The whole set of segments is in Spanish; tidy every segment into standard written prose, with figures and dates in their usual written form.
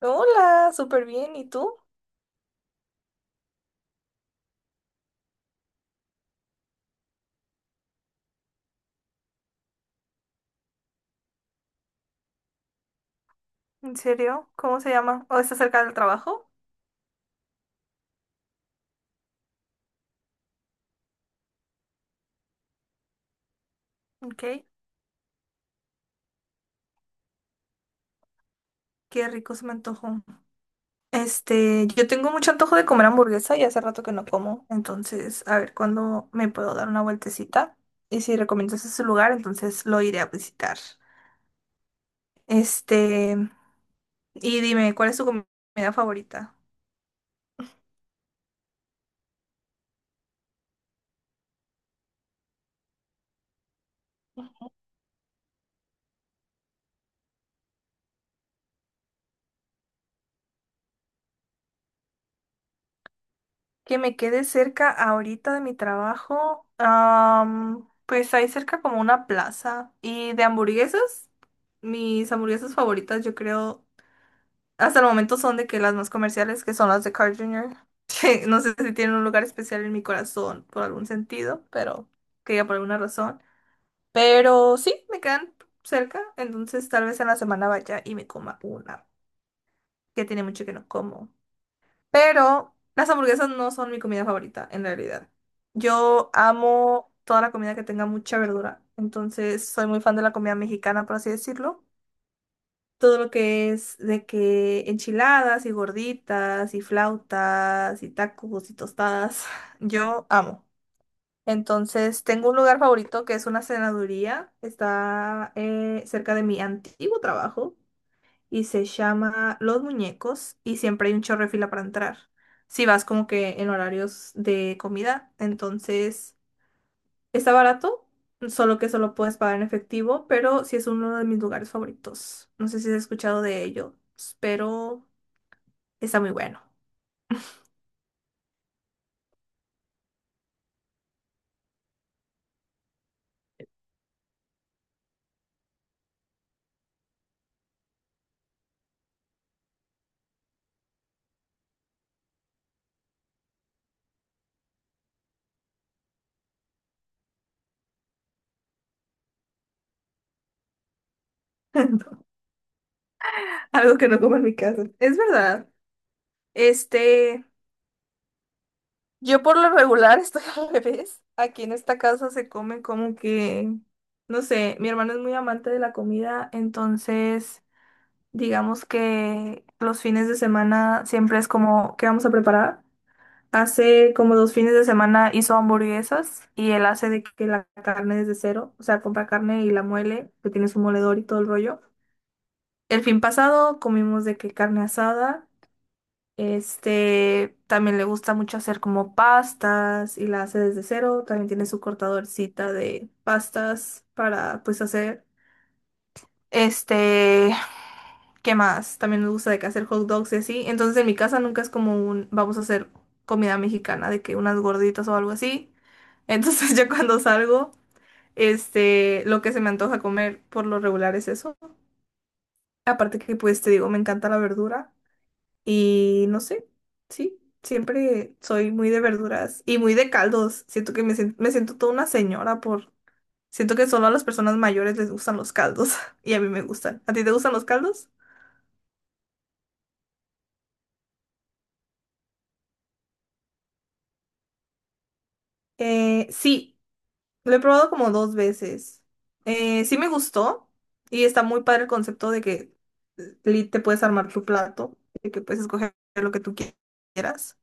Hola, súper bien. ¿Y tú? ¿En serio? ¿Cómo se llama? ¿O está cerca del trabajo? Ok, qué rico se me antojó. Este, yo tengo mucho antojo de comer hamburguesa y hace rato que no como. Entonces, a ver cuándo me puedo dar una vueltecita. Y si recomiendas ese lugar, entonces lo iré a visitar. Este, y dime, ¿cuál es tu comida favorita? Que me quede cerca ahorita de mi trabajo. Pues hay cerca como una plaza. Y de hamburguesas, mis hamburguesas favoritas, yo creo, hasta el momento son de que las más comerciales, que son las de Carl Jr. No sé si tienen un lugar especial en mi corazón por algún sentido, pero que ya por alguna razón. Pero sí, me quedan cerca. Entonces tal vez en la semana vaya y me coma una, que tiene mucho que no como. Pero las hamburguesas no son mi comida favorita, en realidad. Yo amo toda la comida que tenga mucha verdura. Entonces, soy muy fan de la comida mexicana, por así decirlo. Todo lo que es de que enchiladas y gorditas y flautas y tacos y tostadas, yo amo. Entonces, tengo un lugar favorito que es una cenaduría. Está cerca de mi antiguo trabajo y se llama Los Muñecos y siempre hay un chorro de fila para entrar. Si vas como que en horarios de comida, entonces está barato, solo que solo puedes pagar en efectivo, pero sí es uno de mis lugares favoritos. No sé si has escuchado de ellos, pero está muy bueno. Algo que no como en mi casa. Es verdad. Este, yo por lo regular estoy al revés. Aquí en esta casa se comen como que, no sé, mi hermano es muy amante de la comida, entonces digamos que los fines de semana siempre es como, ¿qué vamos a preparar? Hace como dos fines de semana hizo hamburguesas y él hace de que la carne desde cero, o sea, compra carne y la muele, que tiene su moledor y todo el rollo. El fin pasado comimos de que carne asada, este, también le gusta mucho hacer como pastas y la hace desde cero, también tiene su cortadorcita de pastas para pues hacer. Este, ¿qué más? También me gusta de que hacer hot dogs y así. Entonces en mi casa nunca es como un, vamos a hacer comida mexicana, de que unas gorditas o algo así. Entonces yo cuando salgo, este, lo que se me antoja comer por lo regular es eso. Aparte que pues te digo, me encanta la verdura y no sé, sí, siempre soy muy de verduras y muy de caldos. Siento que me siento toda una señora por... Siento que solo a las personas mayores les gustan los caldos y a mí me gustan. ¿A ti te gustan los caldos? Sí, lo he probado como dos veces. Sí me gustó y está muy padre el concepto de que te puedes armar tu plato, de que puedes escoger lo que tú quieras.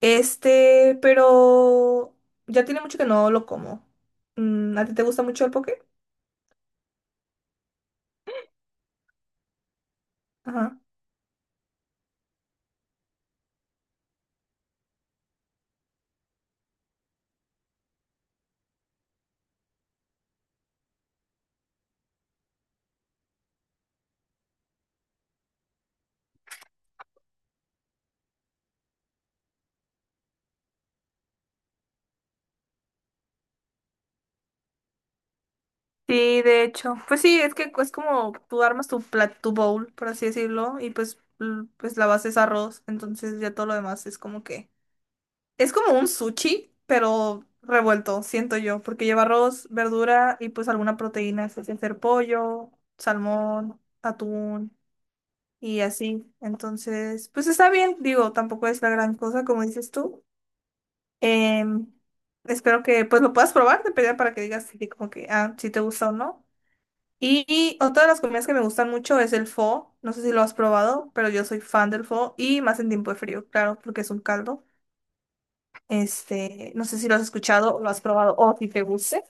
Este, pero ya tiene mucho que no lo como. ¿A ti te gusta mucho el poke? Ajá. Sí, de hecho. Pues sí, es que es como tú armas tu tu bowl, por así decirlo, y pues, pues la base es arroz, entonces ya todo lo demás es como que es como un sushi, pero revuelto, siento yo, porque lleva arroz, verdura y pues alguna proteína, es hacer pollo, salmón, atún y así. Entonces, pues está bien, digo, tampoco es la gran cosa, como dices tú. Em, Espero que pues lo puedas probar, de pedida para que digas si, como que, ah, si te gusta o no. Y otra de las comidas que me gustan mucho es el pho. No sé si lo has probado, pero yo soy fan del pho y más en tiempo de frío, claro, porque es un caldo. Este, no sé si lo has escuchado o lo has probado o si te guste.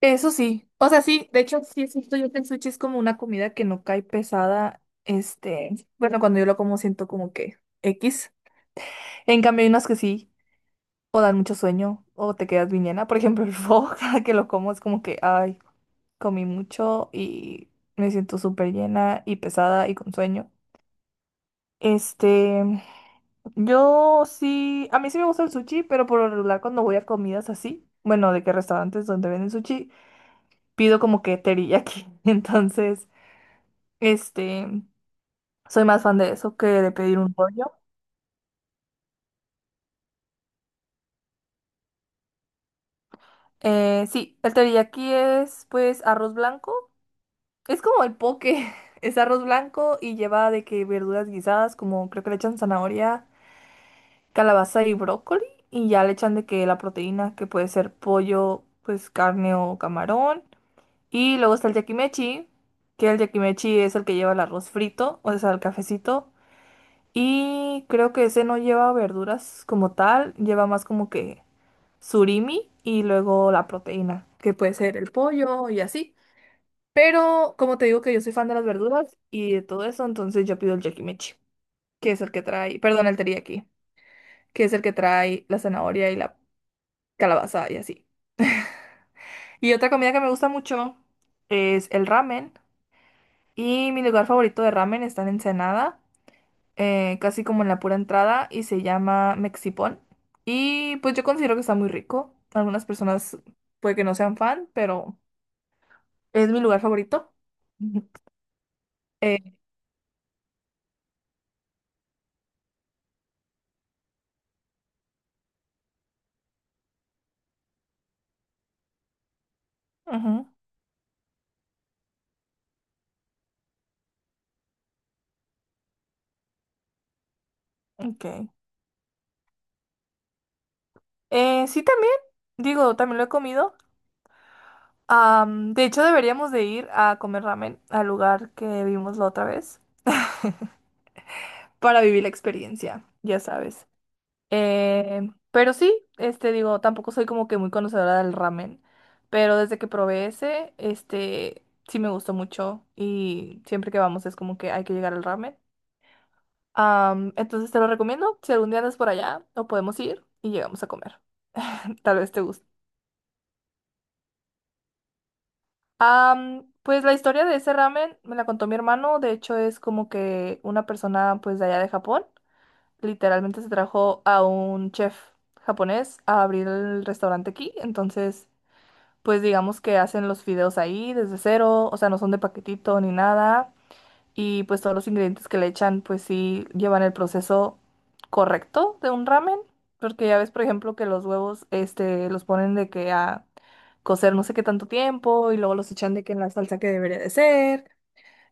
Eso sí, o sea, sí, de hecho, sí es cierto, yo que el sushi es como una comida que no cae pesada, este, bueno, cuando yo lo como siento como que X, en cambio hay unas que sí, o dan mucho sueño, o te quedas bien llena, por ejemplo, el pho, cada que lo como es como que, ay, comí mucho y me siento súper llena y pesada y con sueño, este, yo sí, a mí sí me gusta el sushi, pero por lo regular cuando voy a comidas así, bueno, de que restaurantes donde venden sushi, pido como que teriyaki. Entonces, este, soy más fan de eso que de pedir un rollo. Sí, el teriyaki es pues arroz blanco. Es como el poke, es arroz blanco y lleva de que verduras guisadas, como creo que le echan zanahoria, calabaza y brócoli, y ya le echan de que la proteína, que puede ser pollo, pues carne o camarón. Y luego está el yakimechi, que el yakimechi es el que lleva el arroz frito, o sea, el cafecito. Y creo que ese no lleva verduras como tal, lleva más como que surimi y luego la proteína, que puede ser el pollo y así. Pero como te digo que yo soy fan de las verduras y de todo eso, entonces yo pido el yakimechi, que es el que trae, perdón, el teriyaki, que es el que trae la zanahoria y la calabaza y así. Y otra comida que me gusta mucho es el ramen. Y mi lugar favorito de ramen está en Ensenada, casi como en la pura entrada, y se llama Mexipón. Y pues yo considero que está muy rico. Algunas personas puede que no sean fan, pero es mi lugar favorito. Eh, Ujú, ok. Sí, también, digo, también lo he comido. De hecho, deberíamos de ir a comer ramen al lugar que vimos la otra vez para vivir la experiencia, ya sabes. Pero sí, este, digo, tampoco soy como que muy conocedora del ramen, pero desde que probé ese, este, sí me gustó mucho y siempre que vamos es como que hay que llegar al ramen. Entonces te lo recomiendo, si algún día andas por allá, o podemos ir y llegamos a comer. Tal vez te guste. Pues la historia de ese ramen me la contó mi hermano, de hecho es como que una persona pues de allá de Japón, literalmente se trajo a un chef japonés a abrir el restaurante aquí, entonces... pues digamos que hacen los fideos ahí desde cero, o sea, no son de paquetito ni nada, y pues todos los ingredientes que le echan, pues sí llevan el proceso correcto de un ramen, porque ya ves, por ejemplo, que los huevos, este, los ponen de que a cocer no sé qué tanto tiempo y luego los echan de que en la salsa que debería de ser.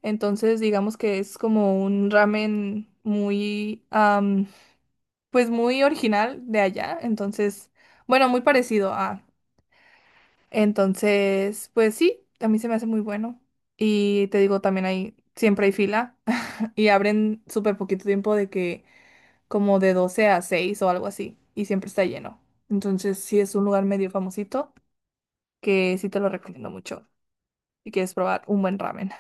Entonces, digamos que es como un ramen muy, pues muy original de allá, entonces, bueno, muy parecido a... Entonces, pues sí, a mí se me hace muy bueno. Y te digo, también siempre hay fila y abren súper poquito tiempo de que como de 12 a 6 o algo así y siempre está lleno. Entonces, sí es un lugar medio famosito que sí te lo recomiendo mucho si quieres probar un buen ramen.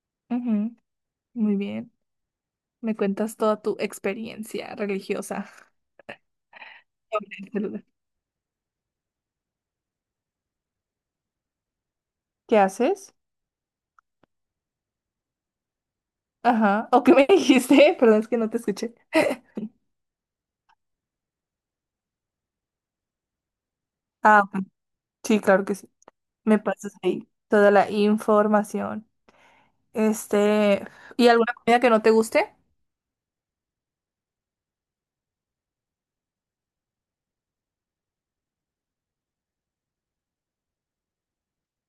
Ujú, muy bien. Me cuentas toda tu experiencia religiosa. Sobre este lugar. ¿Qué haces? Ajá. ¿O qué me dijiste? Perdón, es que no te escuché. Ah, ok. Sí, claro que sí. Me pasas ahí toda la información. Este, ¿y alguna comida que no te guste?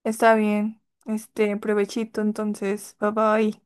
Está bien. Este, provechito, entonces. Bye bye.